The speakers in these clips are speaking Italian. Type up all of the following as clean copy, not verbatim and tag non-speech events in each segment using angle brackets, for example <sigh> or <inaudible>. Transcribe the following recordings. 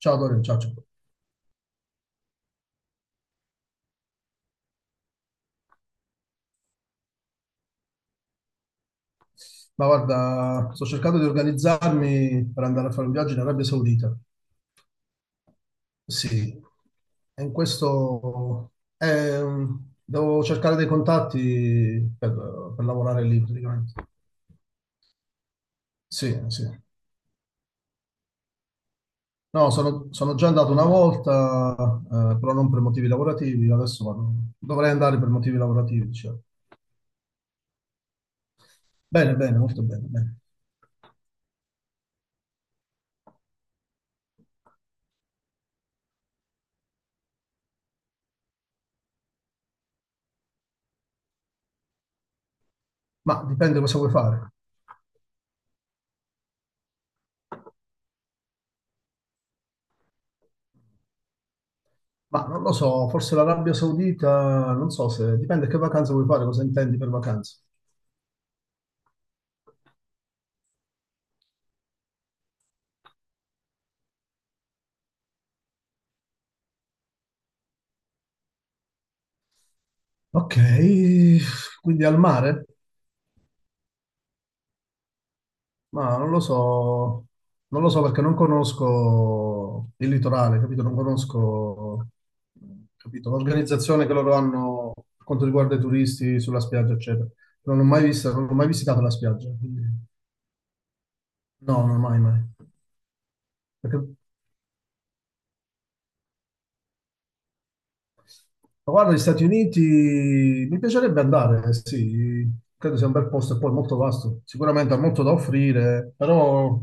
Ciao Dorian, ciao, ciao. Ma guarda, sto cercando di organizzarmi per andare a fare un viaggio in Arabia Saudita. Sì, e in questo devo cercare dei contatti per lavorare lì praticamente. Sì, sì. No, sono già andato una volta, però non per motivi lavorativi. Dovrei andare per motivi lavorativi, diciamo. Bene, bene, molto bene, bene. Ma dipende cosa vuoi fare. Ma non lo so, forse l'Arabia Saudita, non so se dipende che vacanza vuoi fare, cosa intendi per vacanza. Ok, quindi al mare? Ma non lo so, non lo so perché non conosco il litorale, capito? Non conosco, capito, l'organizzazione che loro hanno per quanto riguarda i turisti sulla spiaggia, eccetera. Non l'ho mai vista, non ho mai visitato la spiaggia, quindi no, non mai, mai. Perché Ma guarda, gli Stati Uniti mi piacerebbe andare, sì, credo sia un bel posto e poi molto vasto, sicuramente ha molto da offrire, però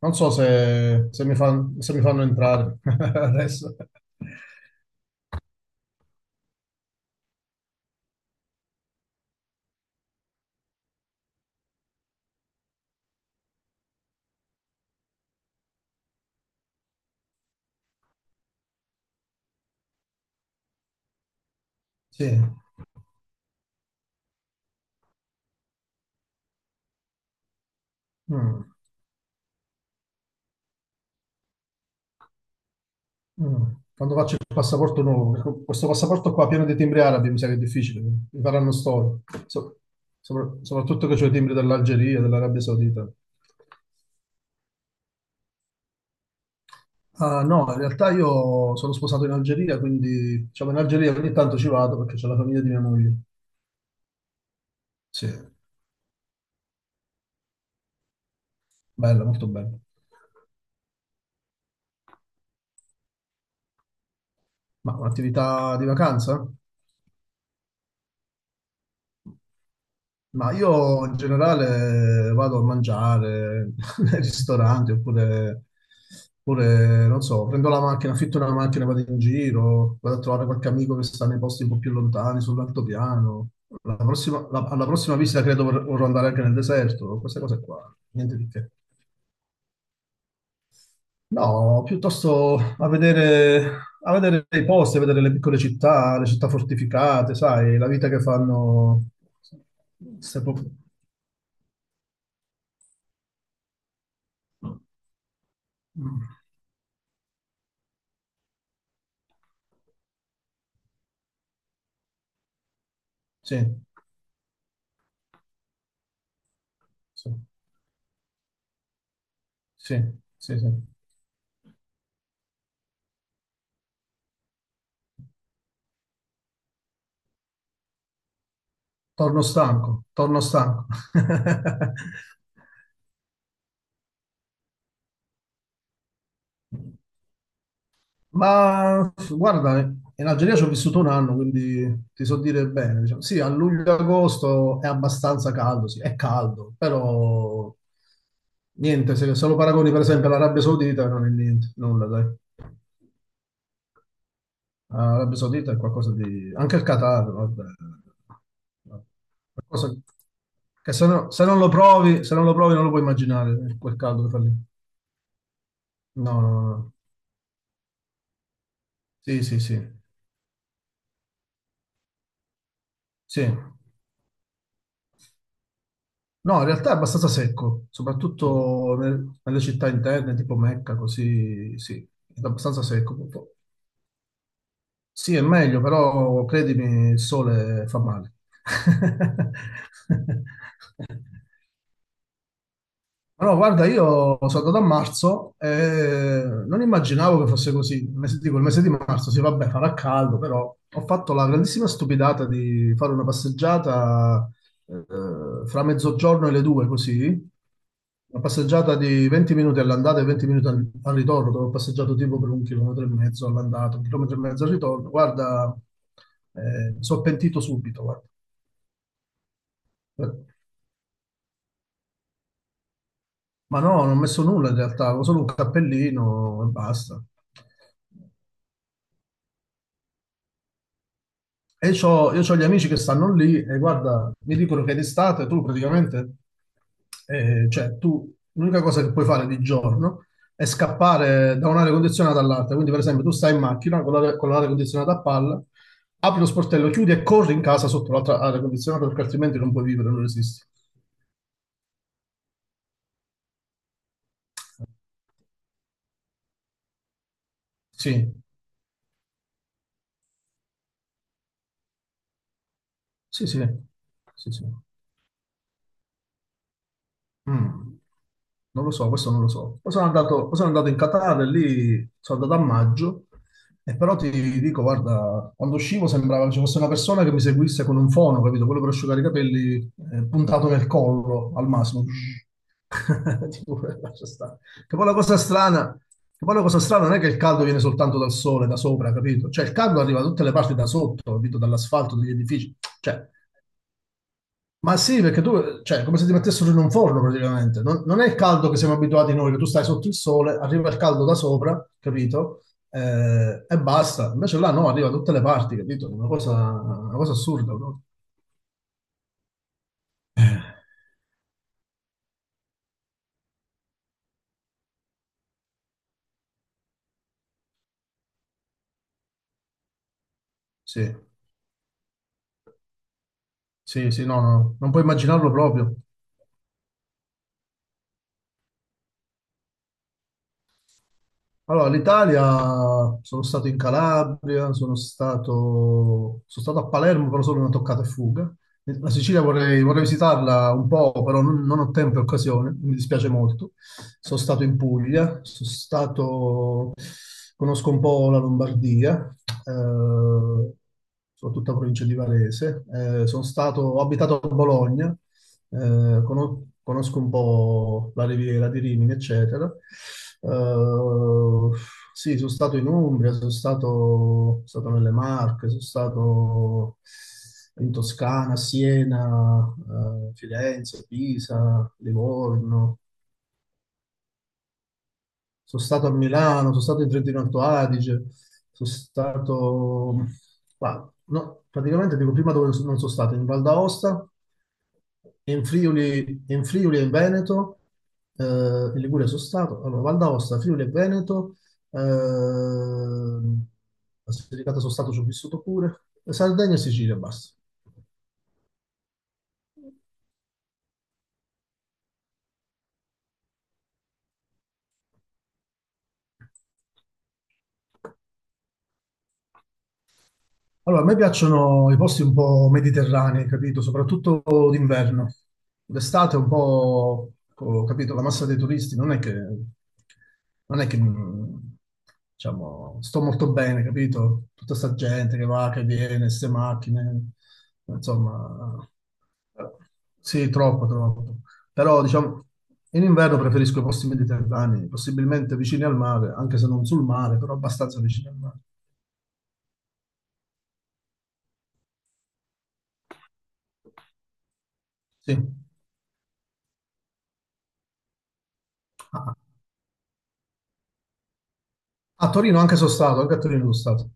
non so se se mi fanno entrare <laughs> adesso. Sì. Mm, mm. Quando faccio il passaporto nuovo, ecco, questo passaporto qua pieno di timbri arabi mi sa che è difficile, mi faranno storia. So- Soprattutto che c'ho i timbri dell'Algeria, dell'Arabia Saudita. Ah, no, in realtà io sono sposato in Algeria, quindi diciamo in Algeria ogni tanto ci vado perché c'è la famiglia di mia moglie. Sì, bella, molto bella. Ma un'attività di vacanza? Ma io in generale vado a mangiare <laughs> nei ristoranti oppure, non so, prendo la macchina, affitto una macchina, vado in giro, vado a trovare qualche amico che sta nei posti un po' più lontani, sull'altopiano. Alla prossima visita credo vorrò andare anche nel deserto, queste cose qua, niente di che. No, piuttosto a vedere i posti, a vedere le piccole città, le città fortificate, sai, la vita che fanno. Se po- Mm. Sì, sì, sì, sì, sì. Torno stanco, torno stanco. <laughs> Ma guarda, in Algeria ci ho vissuto un anno, quindi ti so dire bene, diciamo. Sì, a luglio-agosto è abbastanza caldo, sì, è caldo, però niente, se lo paragoni per esempio all'Arabia Saudita non è niente, nulla, dai. L'Arabia Saudita è qualcosa di. Anche il Qatar, vabbè. Qualcosa che se non lo provi, se non lo provi non lo puoi immaginare, quel caldo che fa lì. No, no, no. No. Sì, sì, sì. Sì. No, in realtà è abbastanza secco, soprattutto nelle città interne, tipo Mecca, così, sì, è abbastanza secco, un po'. Sì, è meglio, però credimi, il sole fa male. <laughs> Ma no, guarda, io sono andato a marzo e non immaginavo che fosse così. Il mese, dico, il mese di marzo, sì, vabbè, farà caldo, però ho fatto la grandissima stupidata di fare una passeggiata fra mezzogiorno e le due, così. Una passeggiata di 20 minuti all'andata e 20 minuti al ritorno, dove ho passeggiato tipo per un chilometro e mezzo all'andata, un chilometro e mezzo al ritorno. Guarda, mi sono pentito subito, guarda. Ma no, non ho messo nulla in realtà, avevo solo un cappellino e basta. Io ho gli amici che stanno lì e guarda, mi dicono che d'estate tu praticamente, cioè tu, l'unica cosa che puoi fare di giorno è scappare da un'area condizionata all'altra. Quindi per esempio tu stai in macchina con l'aria condizionata a palla, apri lo sportello, chiudi e corri in casa sotto l'altra aria condizionata perché altrimenti non puoi vivere, non esisti. Sì, sì, sì, sì, sì. Mm. Non lo so, questo non lo so. Poi sono andato in Qatar e lì sono andato a maggio e però ti dico, guarda, quando uscivo sembrava che ci fosse una persona che mi seguisse con un fono, capito? Quello per asciugare i capelli puntato nel collo al massimo. <laughs> Tipo, lascia stare. Che poi la cosa strana, che poi la cosa strana non è che il caldo viene soltanto dal sole, da sopra, capito? Cioè il caldo arriva da tutte le parti da sotto, capito? Dall'asfalto, dagli edifici. Cioè, ma sì, perché tu, cioè, è come se ti mettessero in un forno praticamente. Non è il caldo che siamo abituati noi, che tu stai sotto il sole, arriva il caldo da sopra, capito? E basta. Invece là no, arriva da tutte le parti, capito? Una cosa assurda, no? Eh, sì, sì, sì, no, no, non puoi immaginarlo proprio. Allora, l'Italia, sono stato in Calabria, sono stato a Palermo, però solo una toccata e fuga. La Sicilia vorrei visitarla un po', però non ho tempo e occasione, mi dispiace molto. Sono stato in Puglia, conosco un po' la Lombardia, eh, soprattutto la provincia di Varese. Sono stato, ho abitato a Bologna, conosco un po' la Riviera di Rimini, eccetera. Eh, sì, sono stato in Umbria, sono stato nelle Marche, sono stato in Toscana, Siena, Firenze, Pisa, Livorno, sono stato a Milano, sono stato in Trentino Alto Adige, sono stato. Qua, no, praticamente dico prima dove non sono stato, in Val d'Aosta, in Friuli e in Veneto, in Liguria sono stato, allora Val d'Aosta, Friuli e Veneto, la Basilicata sono stato, ci ho vissuto pure, Sardegna e Sicilia, basta. Allora, a me piacciono i posti un po' mediterranei, capito? Soprattutto d'inverno. D'estate un po', ho capito, la massa dei turisti non è che, non è che, mh, diciamo, sto molto bene, capito? Tutta sta gente che va, che viene, queste macchine, insomma, eh, sì, troppo, troppo. Però, diciamo, in inverno preferisco i posti mediterranei, possibilmente vicini al mare, anche se non sul mare, però abbastanza vicini al mare. Sì. Ah, ah. A Torino anche sono stato, anche a Torino sono stato.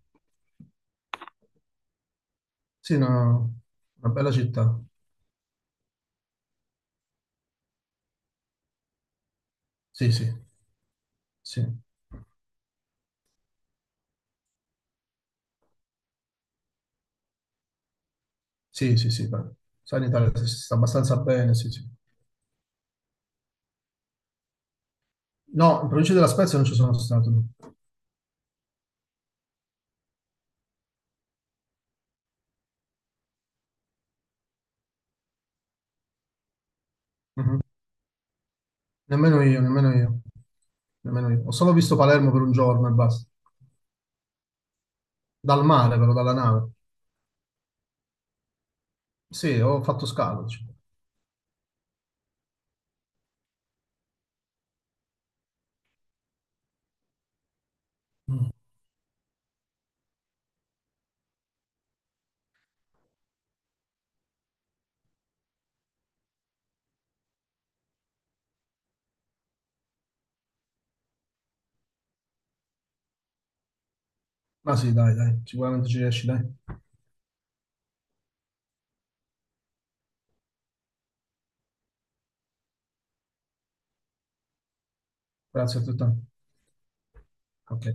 Sì, una bella città. Sì, sì, sì, sì, sì, sì, dai. Sai, in Italia si sta abbastanza bene, sì, sì. No, in provincia della Spezia non ci sono stato, no. Mhm. Nemmeno io, nemmeno io, nemmeno io. Ho solo visto Palermo per un giorno e basta. Dal mare, però, dalla nave. Sì, ho fatto scalo, diciamo. Mm. Ma sì, dai, dai, sicuramente ci riesci, dai. Grazie a tutti. Ok. Ok.